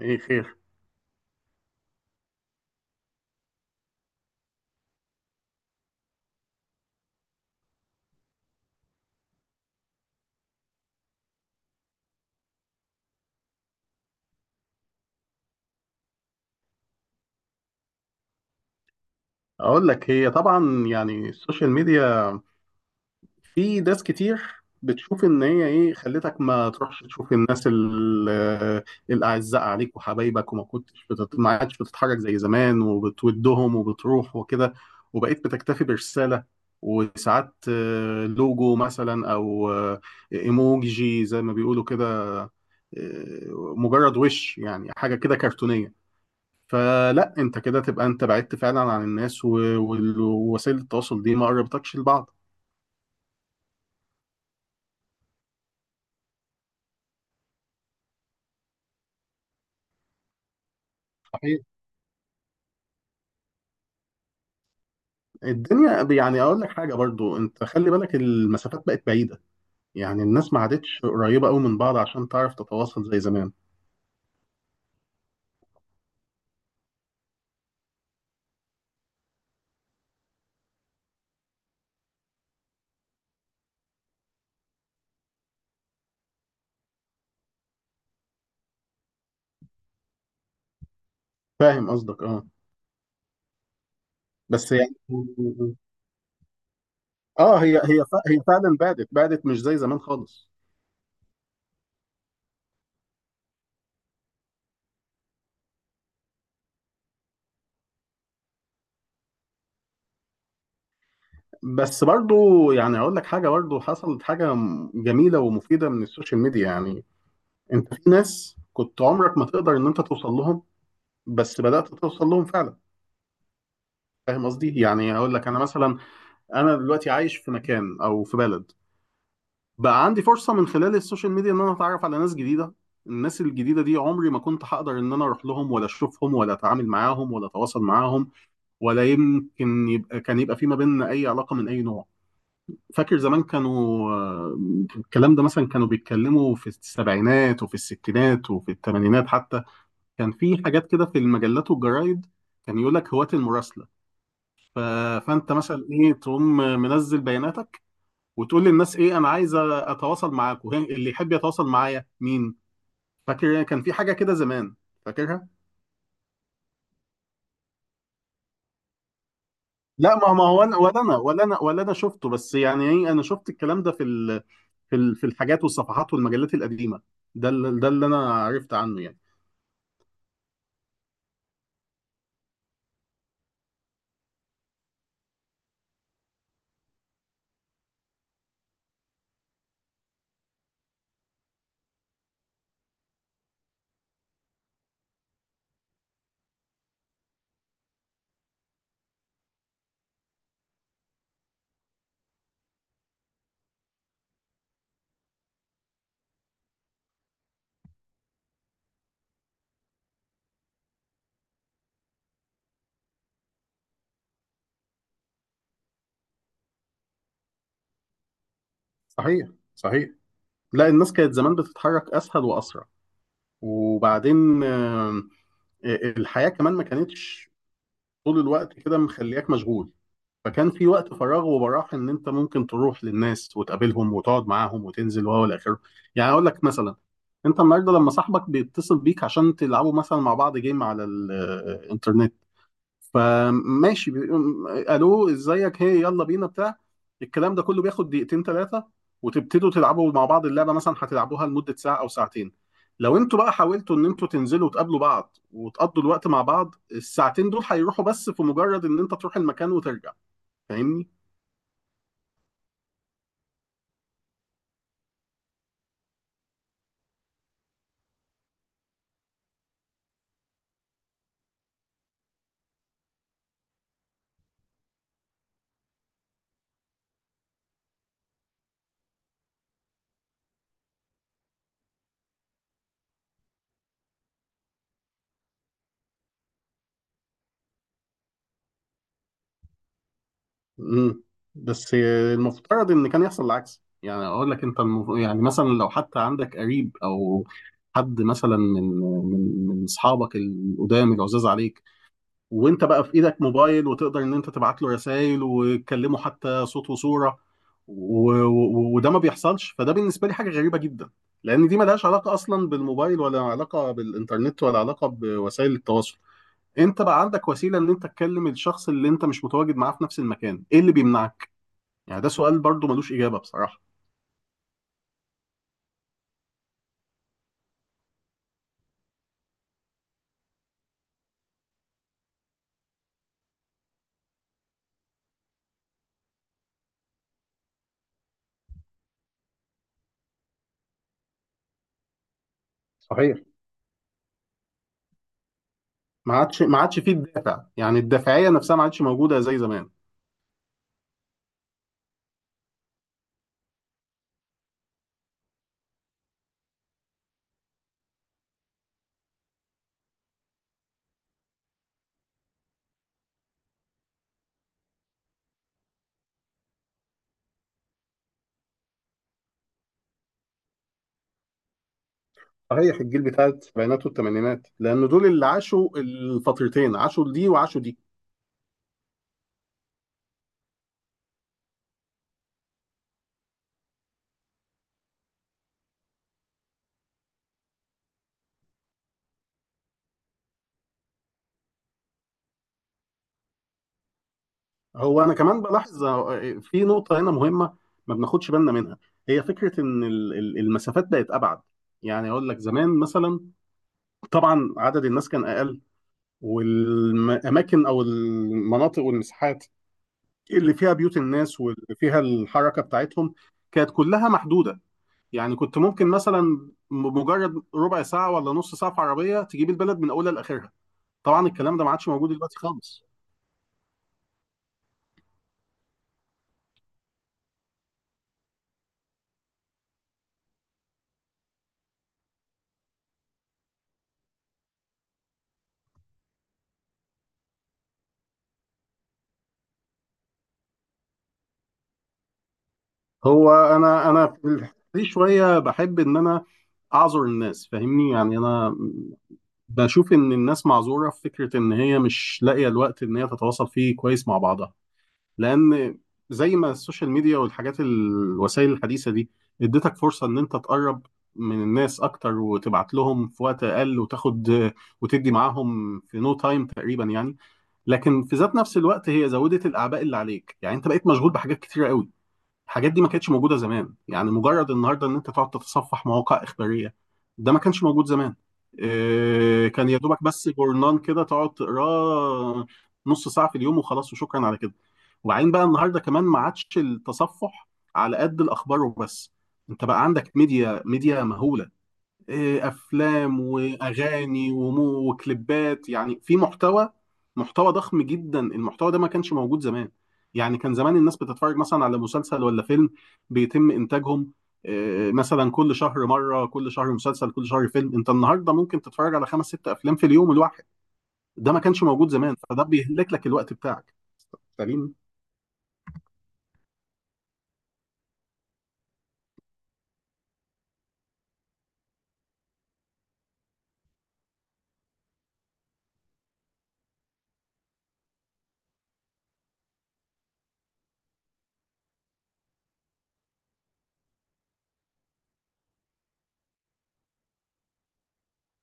ايه خير؟ اقول لك، هي طبعا يعني السوشيال ميديا في ناس كتير بتشوف ان هي ايه خلتك ما تروحش تشوف الناس الاعزاء عليك وحبايبك، ما عادش بتتحرك زي زمان وبتودهم وبتروح وكده، وبقيت بتكتفي برسالة، وساعات لوجو مثلا او ايموجي زي ما بيقولوا كده، آه، مجرد وش يعني حاجة كده كرتونية. فلا انت كده تبقى انت بعدت فعلا عن الناس ووسائل التواصل دي ما قربتكش لبعض. صحيح. الدنيا يعني اقول لك حاجه، برضو انت خلي بالك المسافات بقت بعيده، يعني الناس ما عادتش قريبه قوي من بعض عشان تعرف تتواصل زي زمان. فاهم قصدك، اه. بس يعني اه، هي فعلا بعدت بعدت، مش زي زمان خالص. بس برضو يعني اقول لك حاجه، برضو حصلت حاجه جميله ومفيده من السوشيال ميديا، يعني انت في ناس كنت عمرك ما تقدر ان انت توصل لهم بس بدأت توصل لهم فعلا. فاهم قصدي؟ يعني هقول لك انا مثلا، انا دلوقتي عايش في مكان او في بلد، بقى عندي فرصة من خلال السوشيال ميديا ان انا اتعرف على ناس جديدة. الناس الجديدة دي عمري ما كنت هقدر ان انا اروح لهم ولا اشوفهم ولا اتعامل معاهم ولا اتواصل معاهم، ولا يمكن يبقى كان يبقى في ما بيننا اي علاقة من اي نوع. فاكر زمان كانوا آه، الكلام ده مثلا كانوا بيتكلموا في السبعينات وفي الستينات وفي الثمانينات حتى. كان في حاجات كده في المجلات والجرايد، كان يقول لك هواة المراسلة. ف... فانت مثلا ايه، تقوم منزل بياناتك وتقول للناس ايه، انا عايز اتواصل معاكم، وهي- اللي يحب يتواصل معايا مين. فاكر كان في حاجه كده زمان؟ فاكرها؟ لا، ما هو انا ولا انا ولا انا ولا انا شفته، بس يعني ايه، انا شفت الكلام ده في الحاجات والصفحات والمجلات القديمه. ده اللي انا عرفت عنه يعني. صحيح. صحيح. لا، الناس كانت زمان بتتحرك اسهل واسرع. وبعدين الحياه كمان ما كانتش طول الوقت كده مخلياك مشغول، فكان في وقت فراغ وبراح ان انت ممكن تروح للناس وتقابلهم وتقعد معاهم وتنزل وهو الاخر. يعني اقول لك مثلا، انت النهارده لما صاحبك بيتصل بيك عشان تلعبوا مثلا مع بعض جيم على الانترنت، فماشي، بيقوم، الو ازيك، هي يلا بينا، بتاع الكلام ده كله بياخد دقيقتين ثلاثه، وتبتدوا تلعبوا مع بعض اللعبه مثلا هتلعبوها لمده ساعه او ساعتين. لو انتوا بقى حاولتوا ان انتوا تنزلوا وتقابلوا بعض وتقضوا الوقت مع بعض، الساعتين دول هيروحوا بس في مجرد ان انت تروح المكان وترجع. فاهمني؟ مم. بس المفترض ان كان يحصل العكس. يعني اقول لك انت، يعني مثلا لو حتى عندك قريب او حد مثلا من اصحابك القدام العزاز عليك، وانت بقى في ايدك موبايل وتقدر ان انت تبعت له رسائل وتكلمه حتى صوت وصوره، وده ما بيحصلش. فده بالنسبه لي حاجه غريبه جدا، لان دي ملهاش علاقه اصلا بالموبايل ولا علاقه بالانترنت ولا علاقه بوسائل التواصل. انت بقى عندك وسيله ان انت تكلم الشخص اللي انت مش متواجد معاه في نفس المكان، ايه اللي بيمنعك؟ يعني ده سؤال برضو ملوش إجابة بصراحة. صحيح. ما عادش فيه الدافع، يعني الدافعية نفسها ما عادش موجودة زي زمان. صحيح، الجيل بتاع السبعينات والثمانينات، لأن دول اللي عاشوا الفترتين، عاشوا دي وعاشوا دي. هو أنا كمان بلاحظ في نقطة هنا مهمة ما بناخدش بالنا منها، هي فكرة إن المسافات بقت أبعد. يعني أقول لك زمان مثلا، طبعا عدد الناس كان أقل، والأماكن أو المناطق والمساحات اللي فيها بيوت الناس واللي فيها الحركة بتاعتهم كانت كلها محدودة. يعني كنت ممكن مثلا بمجرد ربع ساعة ولا نص ساعة في عربية تجيب البلد من أولها لآخرها. طبعا الكلام ده ما عادش موجود دلوقتي خالص. هو أنا في الحتة دي شوية بحب إن أنا أعذر الناس. فاهمني؟ يعني أنا بشوف إن الناس معذورة في فكرة إن هي مش لاقية الوقت إن هي تتواصل فيه كويس مع بعضها، لان زي ما السوشيال ميديا والحاجات الوسائل الحديثه دي اديتك فرصه ان انت تقرب من الناس اكتر وتبعت لهم في وقت اقل وتاخد وتدي معاهم في نو تايم تقريبا يعني. لكن في ذات نفس الوقت، هي زودت الاعباء اللي عليك، يعني انت بقيت مشغول بحاجات كتيره قوي. الحاجات دي ما كانتش موجوده زمان. يعني مجرد النهارده ان انت تقعد تتصفح مواقع اخباريه ده ما كانش موجود زمان. إيه، كان يا دوبك بس جورنان كده تقعد تقراه نص ساعه في اليوم وخلاص، وشكرا على كده. وبعدين بقى النهارده كمان ما عادش التصفح على قد الاخبار وبس، انت بقى عندك ميديا مهوله، افلام واغاني وكليبات، يعني في محتوى ضخم جدا. المحتوى ده ما كانش موجود زمان. يعني كان زمان الناس بتتفرج مثلا على مسلسل ولا فيلم بيتم انتاجهم، مثلا كل شهر مره، كل شهر مسلسل، كل شهر فيلم. انت النهارده ممكن تتفرج على خمس ست افلام في اليوم الواحد. ده ما كانش موجود زمان، فده بيهلك لك الوقت بتاعك. فاهمين؟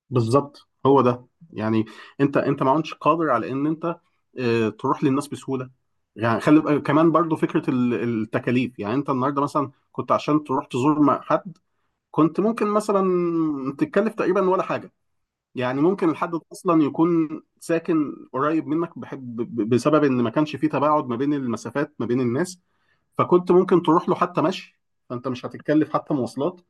بالظبط، هو ده. يعني انت ما عدتش قادر على ان انت اه، تروح للناس بسهوله. يعني خلي كمان برضو فكره التكاليف. يعني انت النهارده مثلا كنت عشان تروح تزور مع حد، كنت ممكن مثلا تتكلف تقريبا ولا حاجه. يعني ممكن الحد ده اصلا يكون ساكن قريب منك بحب بسبب ان ما كانش فيه تباعد ما بين المسافات ما بين الناس، فكنت ممكن تروح له حتى مشي، فانت مش هتتكلف حتى مواصلات.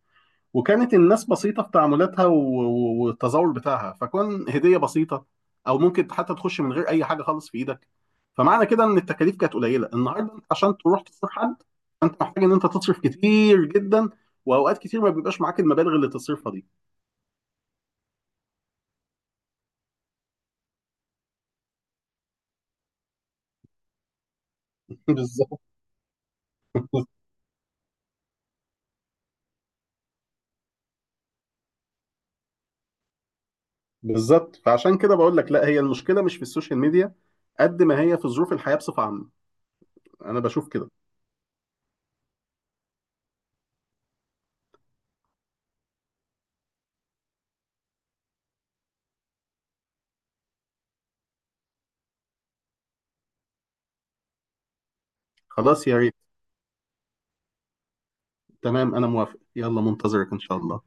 وكانت الناس بسيطة في تعاملاتها والتظاهر بتاعها، فكون هدية بسيطة أو ممكن حتى تخش من غير أي حاجة خالص في إيدك. فمعنى كده إن التكاليف كانت قليلة. النهاردة أنت عشان تروح تزور حد، أنت محتاج إن أنت تصرف كتير جدا، وأوقات كتير ما بيبقاش معاك المبالغ اللي تصرفها دي. بالظبط. بالظبط، فعشان كده بقول لك لا، هي المشكلة مش في السوشيال ميديا قد ما هي في ظروف الحياة بصفة عامة. أنا بشوف كده. خلاص، يا ريت. تمام، أنا موافق، يلا منتظرك إن شاء الله.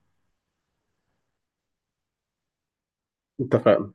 اتفقنا.